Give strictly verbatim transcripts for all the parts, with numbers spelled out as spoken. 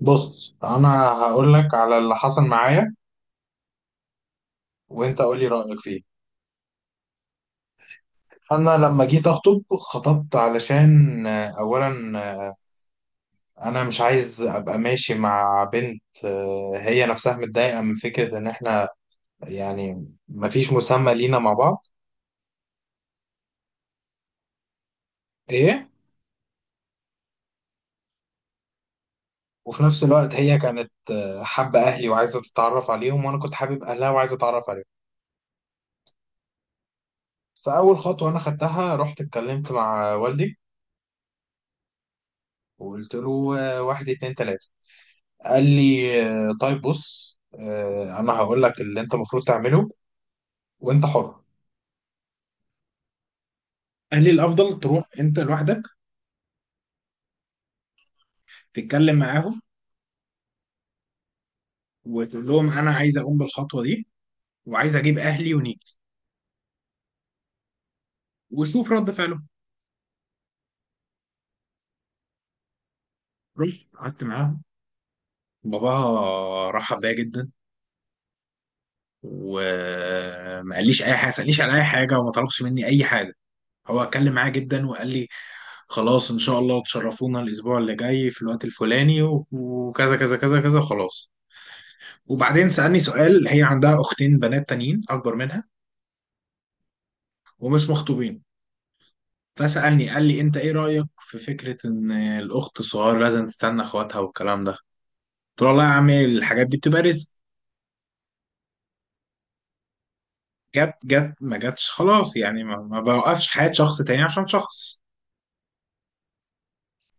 بص، انا هقول لك على اللي حصل معايا. وانت قول لي رايك فيه. انا لما جيت اخطب خطبت علشان آه، اولا، آه، انا مش عايز ابقى ماشي مع بنت آه، هي نفسها متضايقه من فكره ان احنا يعني مفيش مسمى لينا مع بعض. ايه. وفي نفس الوقت هي كانت آه، حابه اهلي وعايزه تتعرف عليهم، وانا كنت حابب اهلها وعايزه اتعرف عليهم. فاول خطوه انا خدتها رحت اتكلمت مع والدي وقلت له آه، واحد اتنين تلاته. قال لي آه، طيب بص، آه، انا هقول لك اللي انت المفروض تعمله وانت حر. قال لي الافضل تروح انت لوحدك تتكلم معاهم وتقول لهم انا عايز اقوم بالخطوه دي وعايز اجيب اهلي ونيجي وشوف رد فعلهم. رحت قعدت معاهم. باباها رحب بيا جدا وما قاليش اي حاجه سالنيش على اي حاجه وما طلبش مني اي حاجه. هو اتكلم معايا جدا وقال لي خلاص ان شاء الله تشرفونا الاسبوع اللي جاي في الوقت الفلاني و- وكذا كذا كذا كذا خلاص. وبعدين سألني سؤال. هي عندها أختين بنات تانيين أكبر منها ومش مخطوبين. فسألني قال لي أنت إيه رأيك في فكرة إن الأخت الصغيرة لازم تستنى إخواتها والكلام ده؟ قلت له والله يا عمي الحاجات دي بتبقى رزق. جت جت ما جتش خلاص يعني، ما, ما بوقفش حياة شخص تاني عشان شخص.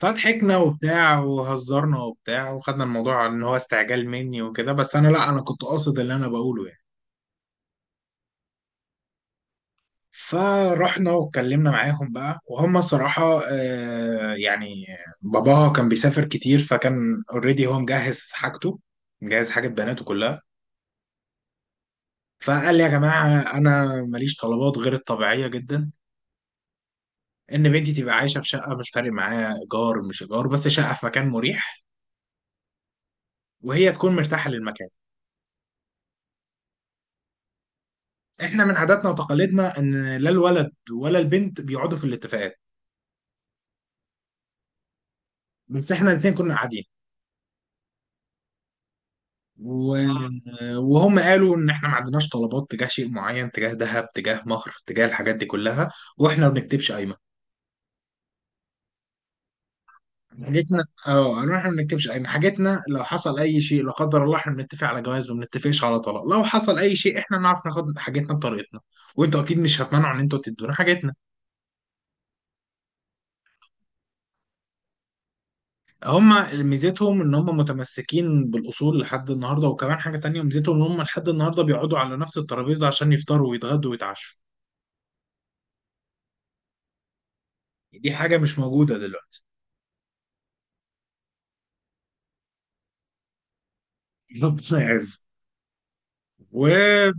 فضحكنا وبتاع وهزرنا وبتاع وخدنا الموضوع إن هو استعجال مني وكده، بس أنا لا، أنا كنت قاصد اللي أنا بقوله يعني. فرحنا واتكلمنا معاهم بقى، وهم صراحة آه، يعني باباها كان بيسافر كتير، فكان اوريدي هو مجهز حاجته، مجهز حاجة بناته كلها. فقال لي يا جماعة، أنا ماليش طلبات غير الطبيعية جدا، إن بنتي تبقى عايشة في شقة، مش فارق معاها إيجار مش إيجار، بس شقة في مكان مريح وهي تكون مرتاحة للمكان. إحنا من عاداتنا وتقاليدنا إن لا الولد ولا البنت بيقعدوا في الاتفاقات، بس إحنا الاتنين كنا قاعدين. و... وهم قالوا ان احنا ما عندناش طلبات تجاه شيء معين، تجاه ذهب، تجاه مهر، تجاه الحاجات دي كلها. واحنا ما بنكتبش قايمه. حاجتنا، اه قالوا احنا ما بنكتبش قايمه، حاجتنا لو حصل اي شيء لا قدر الله احنا بنتفق على جواز ما بنتفقش على طلاق. لو حصل اي شيء احنا نعرف ناخد حاجتنا بطريقتنا، وانتوا اكيد مش هتمنعوا ان انتوا تدونا حاجتنا. هم ميزتهم ان هم متمسكين بالاصول لحد النهارده. وكمان حاجه تانية، ميزتهم ان هم لحد النهارده بيقعدوا على نفس الترابيزه عشان يفطروا ويتغدوا ويتعشوا. دي حاجه مش موجوده دلوقتي. ربنا يعز. وطبعا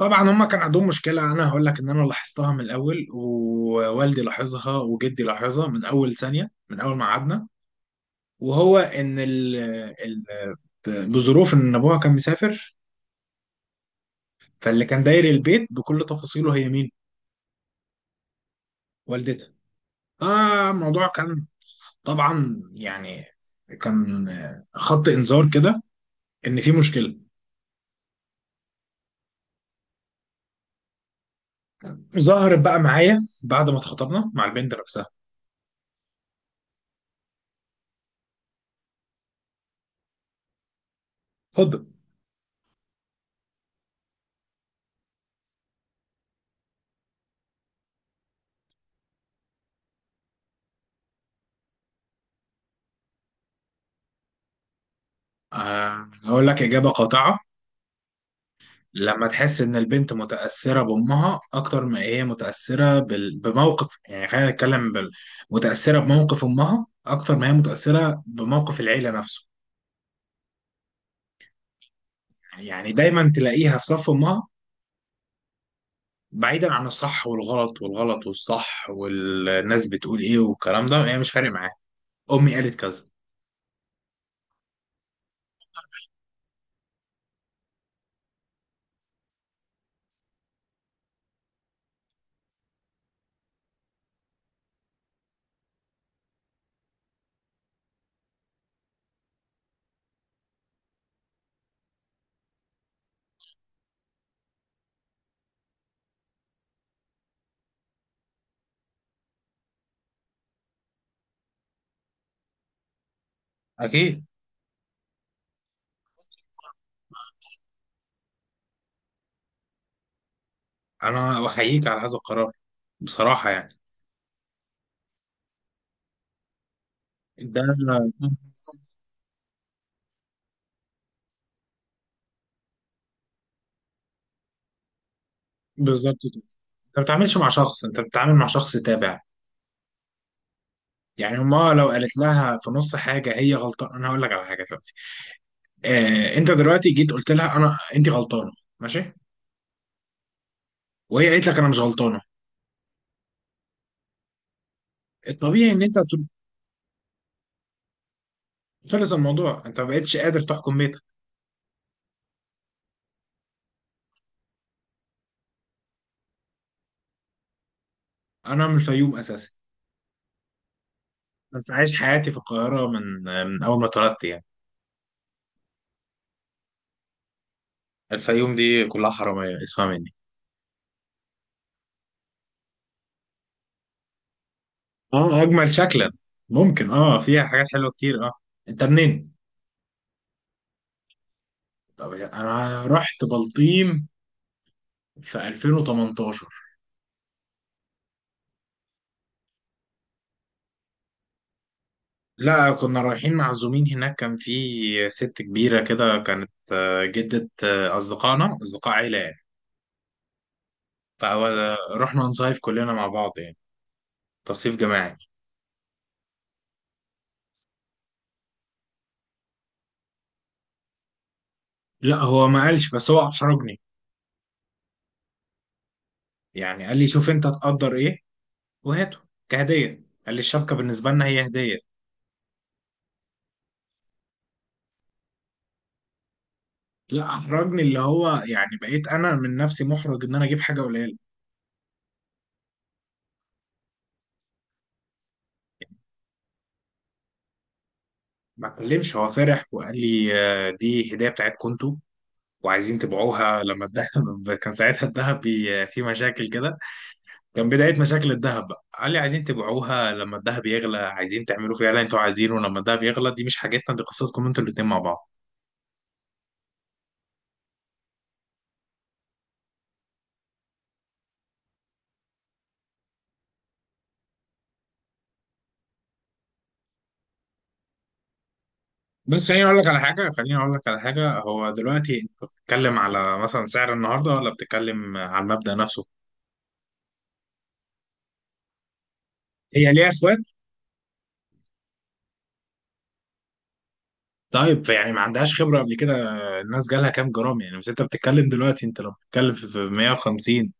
هما كان عندهم مشكلة، أنا هقول لك إن أنا لاحظتها من الأول ووالدي لاحظها وجدي لاحظها من أول ثانية من أول ما قعدنا. وهو إن ال ال بظروف إن أبوها كان مسافر، فاللي كان داير البيت بكل تفاصيله هي مين؟ والدتها. فالموضوع كان طبعا يعني كان خط إنذار كده إن في مشكلة. ظهرت بقى معايا بعد ما اتخطبنا مع البنت نفسها. اتفضل. آه، هقول لك إجابة قاطعة. لما تحس ان البنت متاثره بامها اكتر ما هي متاثره بال... بموقف، يعني خلينا نتكلم بال... متاثره بموقف امها اكتر ما هي متاثره بموقف العيله نفسه. يعني دايما تلاقيها في صف امها، بعيدا عن الصح والغلط والغلط والصح والناس بتقول ايه والكلام ده، هي مش فارق معاها. امي قالت كذا. اكيد. انا احييك على هذا القرار بصراحه يعني. ده بالظبط كده. انت ما بتتعاملش مع شخص، انت بتتعامل مع شخص تابع. يعني هما لو قالت لها في نص حاجه هي غلطانه، انا هقول لك على حاجه دلوقتي. آه، انت دلوقتي جيت قلت لها انا انت غلطانه. ماشي. وهي قالت لك انا مش غلطانه. الطبيعي ان انت تقول- خلص الموضوع، انت ما بقتش قادر تحكم بيتك. انا من الفيوم اساسا، بس عايش حياتي في القاهره من آه، من اول ما اتولدت يعني. الفيوم دي كلها حراميه اسمها مني. اه، اجمل شكلا. ممكن، اه فيها حاجات حلوه كتير. اه. انت منين؟ طب انا رحت بلطيم في ألفين وتمنتاشر. لا كنا رايحين معزومين هناك، كان في ست كبيرة كده كانت آه، جدة آه، أصدقائنا، أصدقاء عيلة يعني. فرحنا نصيف كلنا مع بعض، يعني تصيف جماعي. لا هو ما قالش، بس هو أحرجني يعني. قال لي شوف أنت تقدر إيه وهاته كهدية. قال لي الشبكة بالنسبة لنا هي هدية. لا، أحرجني اللي هو يعني بقيت أنا من نفسي محرج إن أنا أجيب حاجة قليلة. ما اتكلمش، هو فرح وقال لي آه، دي هدية بتاعتكم انتوا، وعايزين تبيعوها لما الذهب كان ساعتها الذهب بي- في مشاكل كده. كان بداية مشاكل الذهب بقى قال لي عايزين تبيعوها لما الذهب يغلى، عايزين تعملوا فيها اللي انتوا عايزينه لما الذهب يغلى. دي مش حاجتنا، دي قصتكم انتوا الاتنين مع بعض. بس خليني اقول لك على حاجة، خليني اقول لك على حاجة. هو دلوقتي انت بتتكلم على مثلا سعر النهاردة، ولا بتتكلم على المبدأ نفسه؟ هي ليها اخوات؟ طيب يعني ما عندهاش خبرة قبل كده. الناس جالها كام جرام يعني؟ بس انت بتتكلم دلوقتي، انت لو بتتكلم في في مية وخمسين.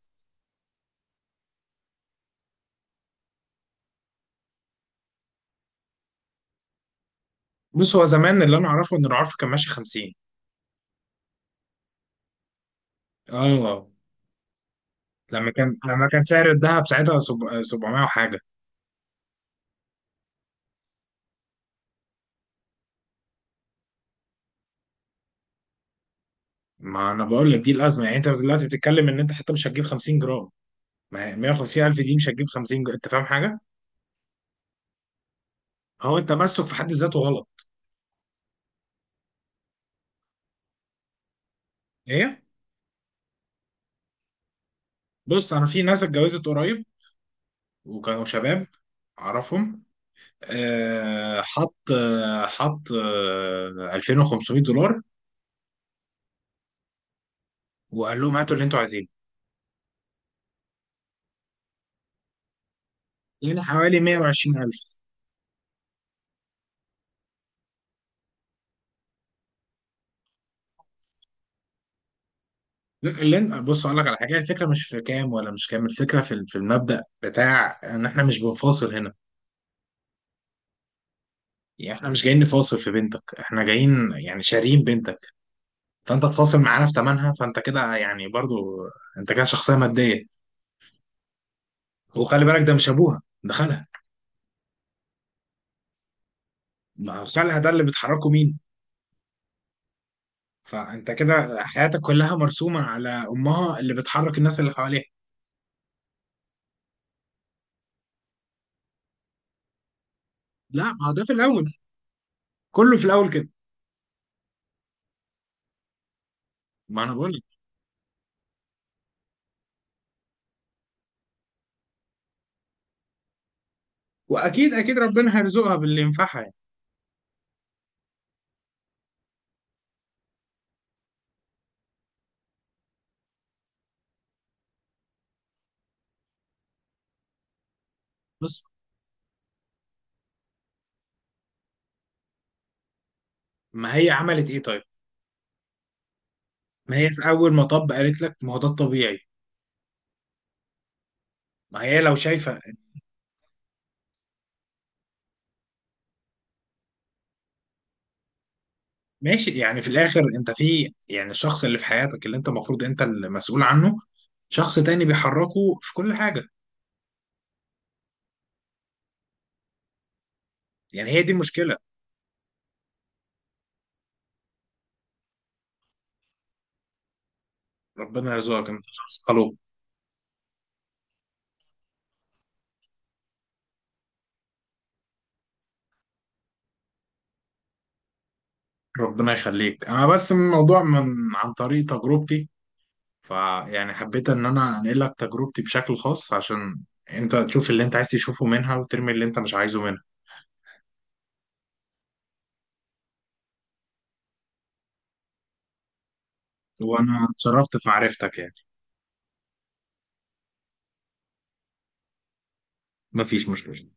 بص، هو زمان اللي انا اعرفه ان العرف كان ماشي خمسين. اه. لما كان لما كان سعر الذهب ساعتها سب- سبعمائة وحاجه. ما انا بقول لك دي الازمه، يعني انت دلوقتي بتتكلم ان انت حتى مش هتجيب 50 جرام. ما هي مية وخمسين الف دي مش هتجيب 50 جرام، انت فاهم حاجه؟ هو التمسك في حد ذاته غلط. ايه. بص، انا في ناس اتجوزت قريب وكانوا شباب اعرفهم. آه حط آه حط آه ألفين وخمسمية دولار وقال لهم هاتوا اللي انتوا عايزينه. يعني حوالي مائة وعشرين ألف. لا، اللي انت بص اقول لك على حاجه، الفكره مش في كام ولا مش كام، الفكره في في المبدا بتاع ان احنا مش بنفاصل هنا. يعني احنا مش جايين نفاصل في بنتك، احنا جايين يعني شاريين بنتك، فانت تفاصل معانا في ثمنها، فانت كده يعني برضو انت كده شخصيه ماديه. وخلي بالك ده مش ابوها، ده خالها. ما هو خالها ده اللي بتحركه مين؟ فانت كده حياتك كلها مرسومه على امها اللي بتحرك الناس اللي حواليها. لا ما هو ده في الاول، كله في الاول كده. ما انا بقول لك. واكيد اكيد ربنا هيرزقها باللي ينفعها يعني. بص، ما هي عملت ايه طيب؟ ما هي في اول مطب قالت لك ما هو ده الطبيعي. ما هي لو شايفه. ماشي، يعني في الاخر انت في يعني الشخص اللي في حياتك اللي انت المفروض انت المسؤول عنه، شخص تاني بيحركه في كل حاجه. يعني هي دي المشكله. ربنا يرزقك، انت شخص خلوق. ربنا يخليك. انا بس من الموضوع من عن طريق تجربتي، فيعني حبيت ان انا انقل لك تجربتي بشكل خاص عشان انت تشوف اللي انت عايز تشوفه منها وترمي اللي انت مش عايزه منها. وانا اتشرفت في معرفتك يعني. مفيش مشكله.